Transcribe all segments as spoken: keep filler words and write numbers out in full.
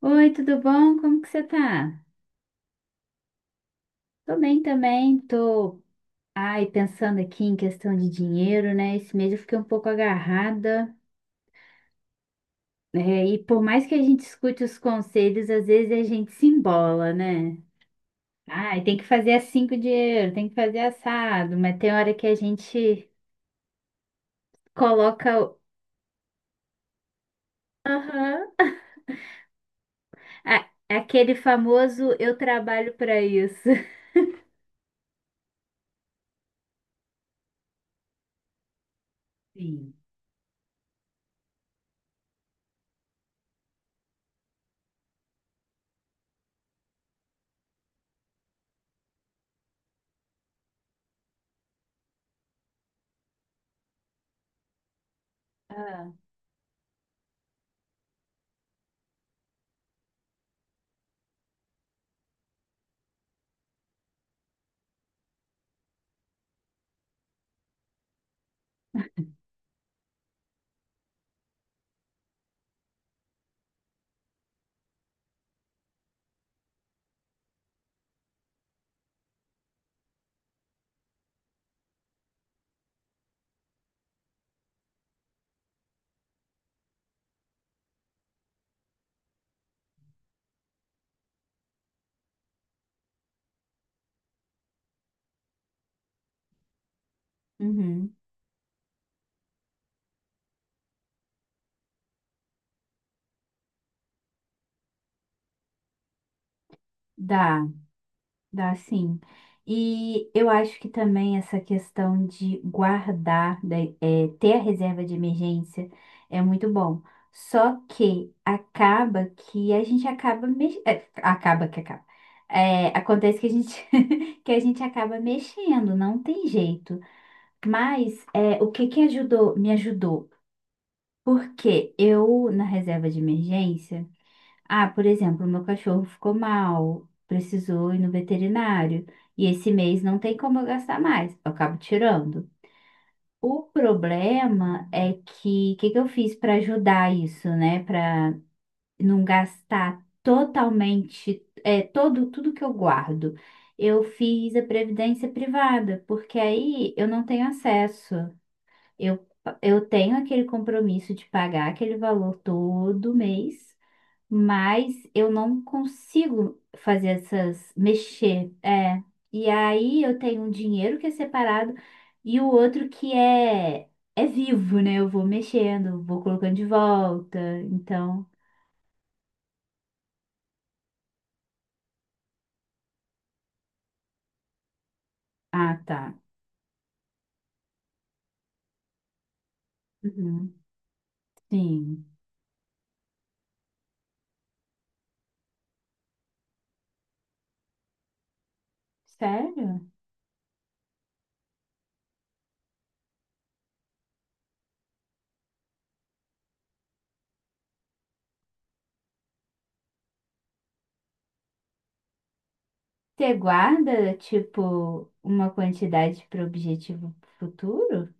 Oi, tudo bom? Como que você tá? Tô bem também, tô, ai, pensando aqui em questão de dinheiro, né? Esse mês eu fiquei um pouco agarrada, né? E por mais que a gente escute os conselhos, às vezes a gente se embola, né? Ai, tem que fazer assim com o dinheiro, tem que fazer assado, mas tem hora que a gente coloca o- Aham. a- aquele famoso eu trabalho pra isso. Sim. Ah, uhum. Dá. Dá sim. E eu acho que também essa questão de guardar, da- é, ter a reserva de emergência é muito bom. Só que acaba que a gente acaba mex- é, acaba que acaba. É, acontece que a gente que a gente acaba mexendo, não tem jeito. Mas é, o que que ajudou, me ajudou? Porque eu na reserva de emergência, ah, por exemplo, meu cachorro ficou mal, precisou ir no veterinário, e esse mês não tem como eu gastar mais, eu acabo tirando. O problema é que o que que eu fiz para ajudar isso, né? Para não gastar totalmente, é, todo, tudo que eu guardo. Eu fiz a previdência privada, porque aí eu não tenho acesso. Eu, eu tenho aquele compromisso de pagar aquele valor todo mês. Mas eu não consigo fazer essas, mexer. É. E aí eu tenho um dinheiro que é separado e o outro que é, é vivo, né? Eu vou mexendo, vou colocando de volta. Então. Ah, tá. Uhum. Sim. Sério? Você guarda, tipo, uma quantidade para o objetivo futuro?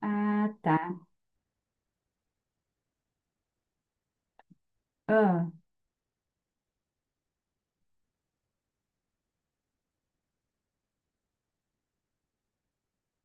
Ah, tá. Ah,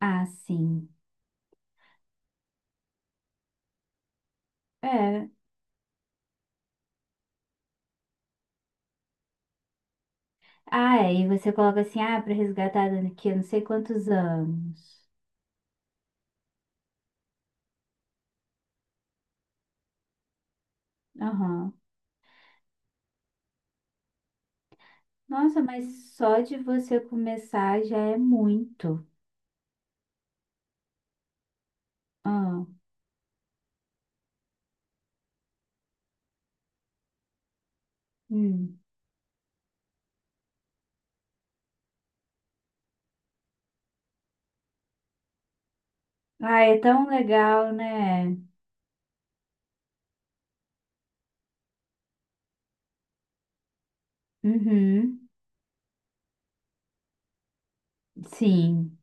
ah, sim. É. Ah, é, e você coloca assim, ah, para resgatar daqui a não sei quantos anos. Aham. Nossa, mas só de você começar já é muito. Ah, hum. Ah, é tão legal, né? Uhum. Sim.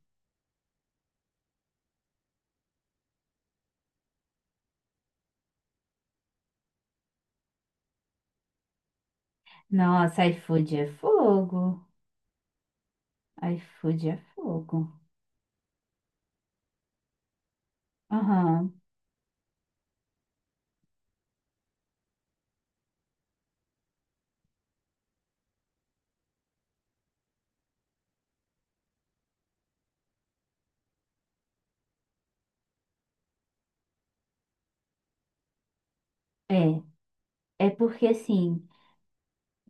Nossa, iFood é fogo. iFood é fogo. Aham. É. É porque assim,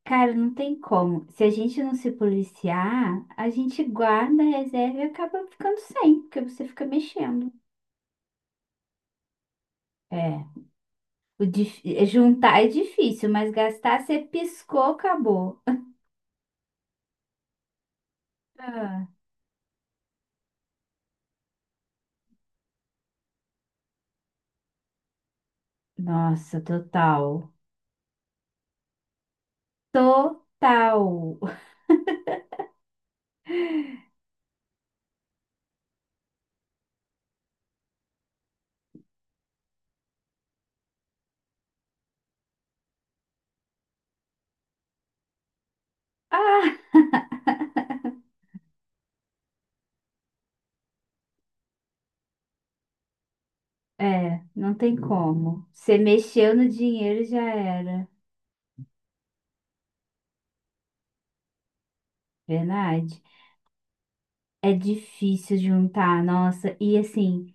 cara, não tem como. Se a gente não se policiar, a gente guarda a reserva e acaba ficando sem, porque você fica mexendo. É. O dif- é, juntar é difícil, mas gastar você piscou, acabou. Ah, nossa, total. Total. Ah, é, não tem como. Você mexeu no dinheiro já era. Verdade. É difícil juntar, nossa. E assim,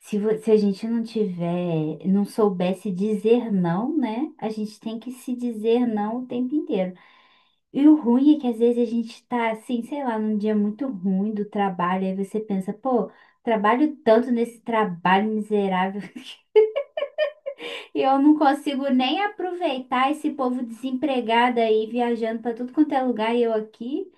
se, vo- se a gente não tiver, não soubesse dizer não, né? A gente tem que se dizer não o tempo inteiro. E o ruim é que às vezes a gente tá assim, sei lá, num dia muito ruim do trabalho, aí você pensa, pô, trabalho tanto nesse trabalho miserável e eu não consigo nem aproveitar esse povo desempregado aí viajando pra tudo quanto é lugar e eu aqui.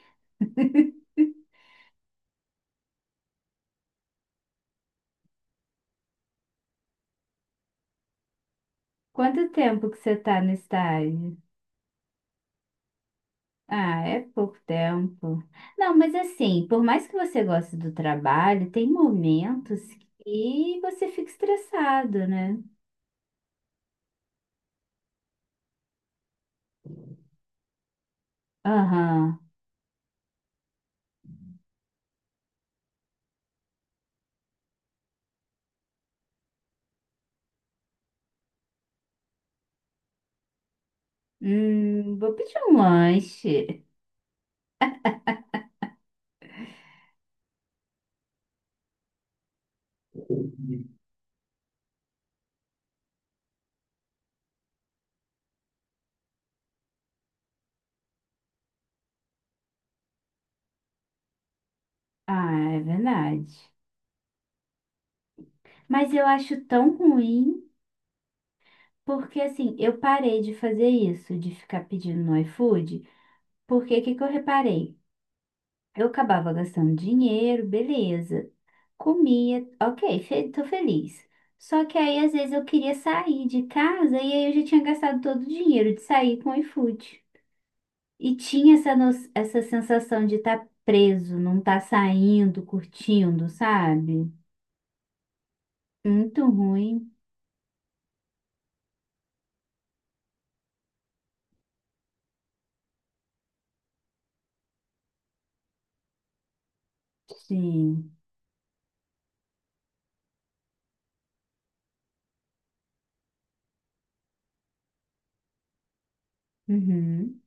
Quanto tempo que você tá no estágio? Ah, é pouco tempo. Não, mas assim, por mais que você goste do trabalho, tem momentos que você fica estressado, né? Aham. Hum, vou pedir um lanche. Ah, é verdade. Mas eu acho tão ruim, porque assim, eu parei de fazer isso, de ficar pedindo no iFood, porque o que que eu reparei? Eu acabava gastando dinheiro, beleza. Comia, ok, fe tô feliz. Só que aí, às vezes, eu queria sair de casa e aí eu já tinha gastado todo o dinheiro de sair com o iFood. E tinha essa, no- essa sensação de estar preso, não estar saindo, curtindo, sabe? Muito ruim, sim. Uhum.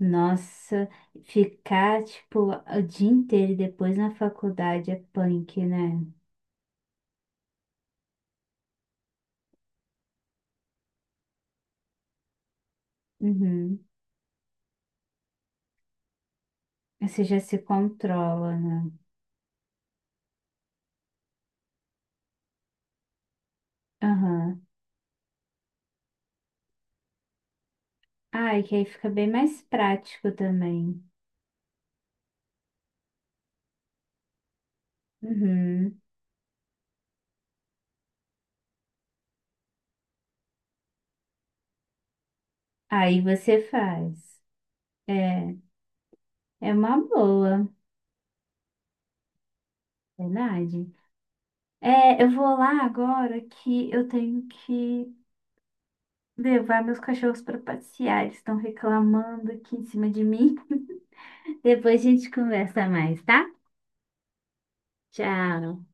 Nossa, ficar, tipo, o dia inteiro e depois na faculdade é punk, né? Uhum. Você já se controla, né? Aham. Ah, e que aí fica bem mais prático também. Uhum. Aí você faz. É, é uma boa, verdade. É, eu vou lá agora que eu tenho que levar meus cachorros para passear. Eles estão reclamando aqui em cima de mim. Depois a gente conversa mais, tá? Tchau.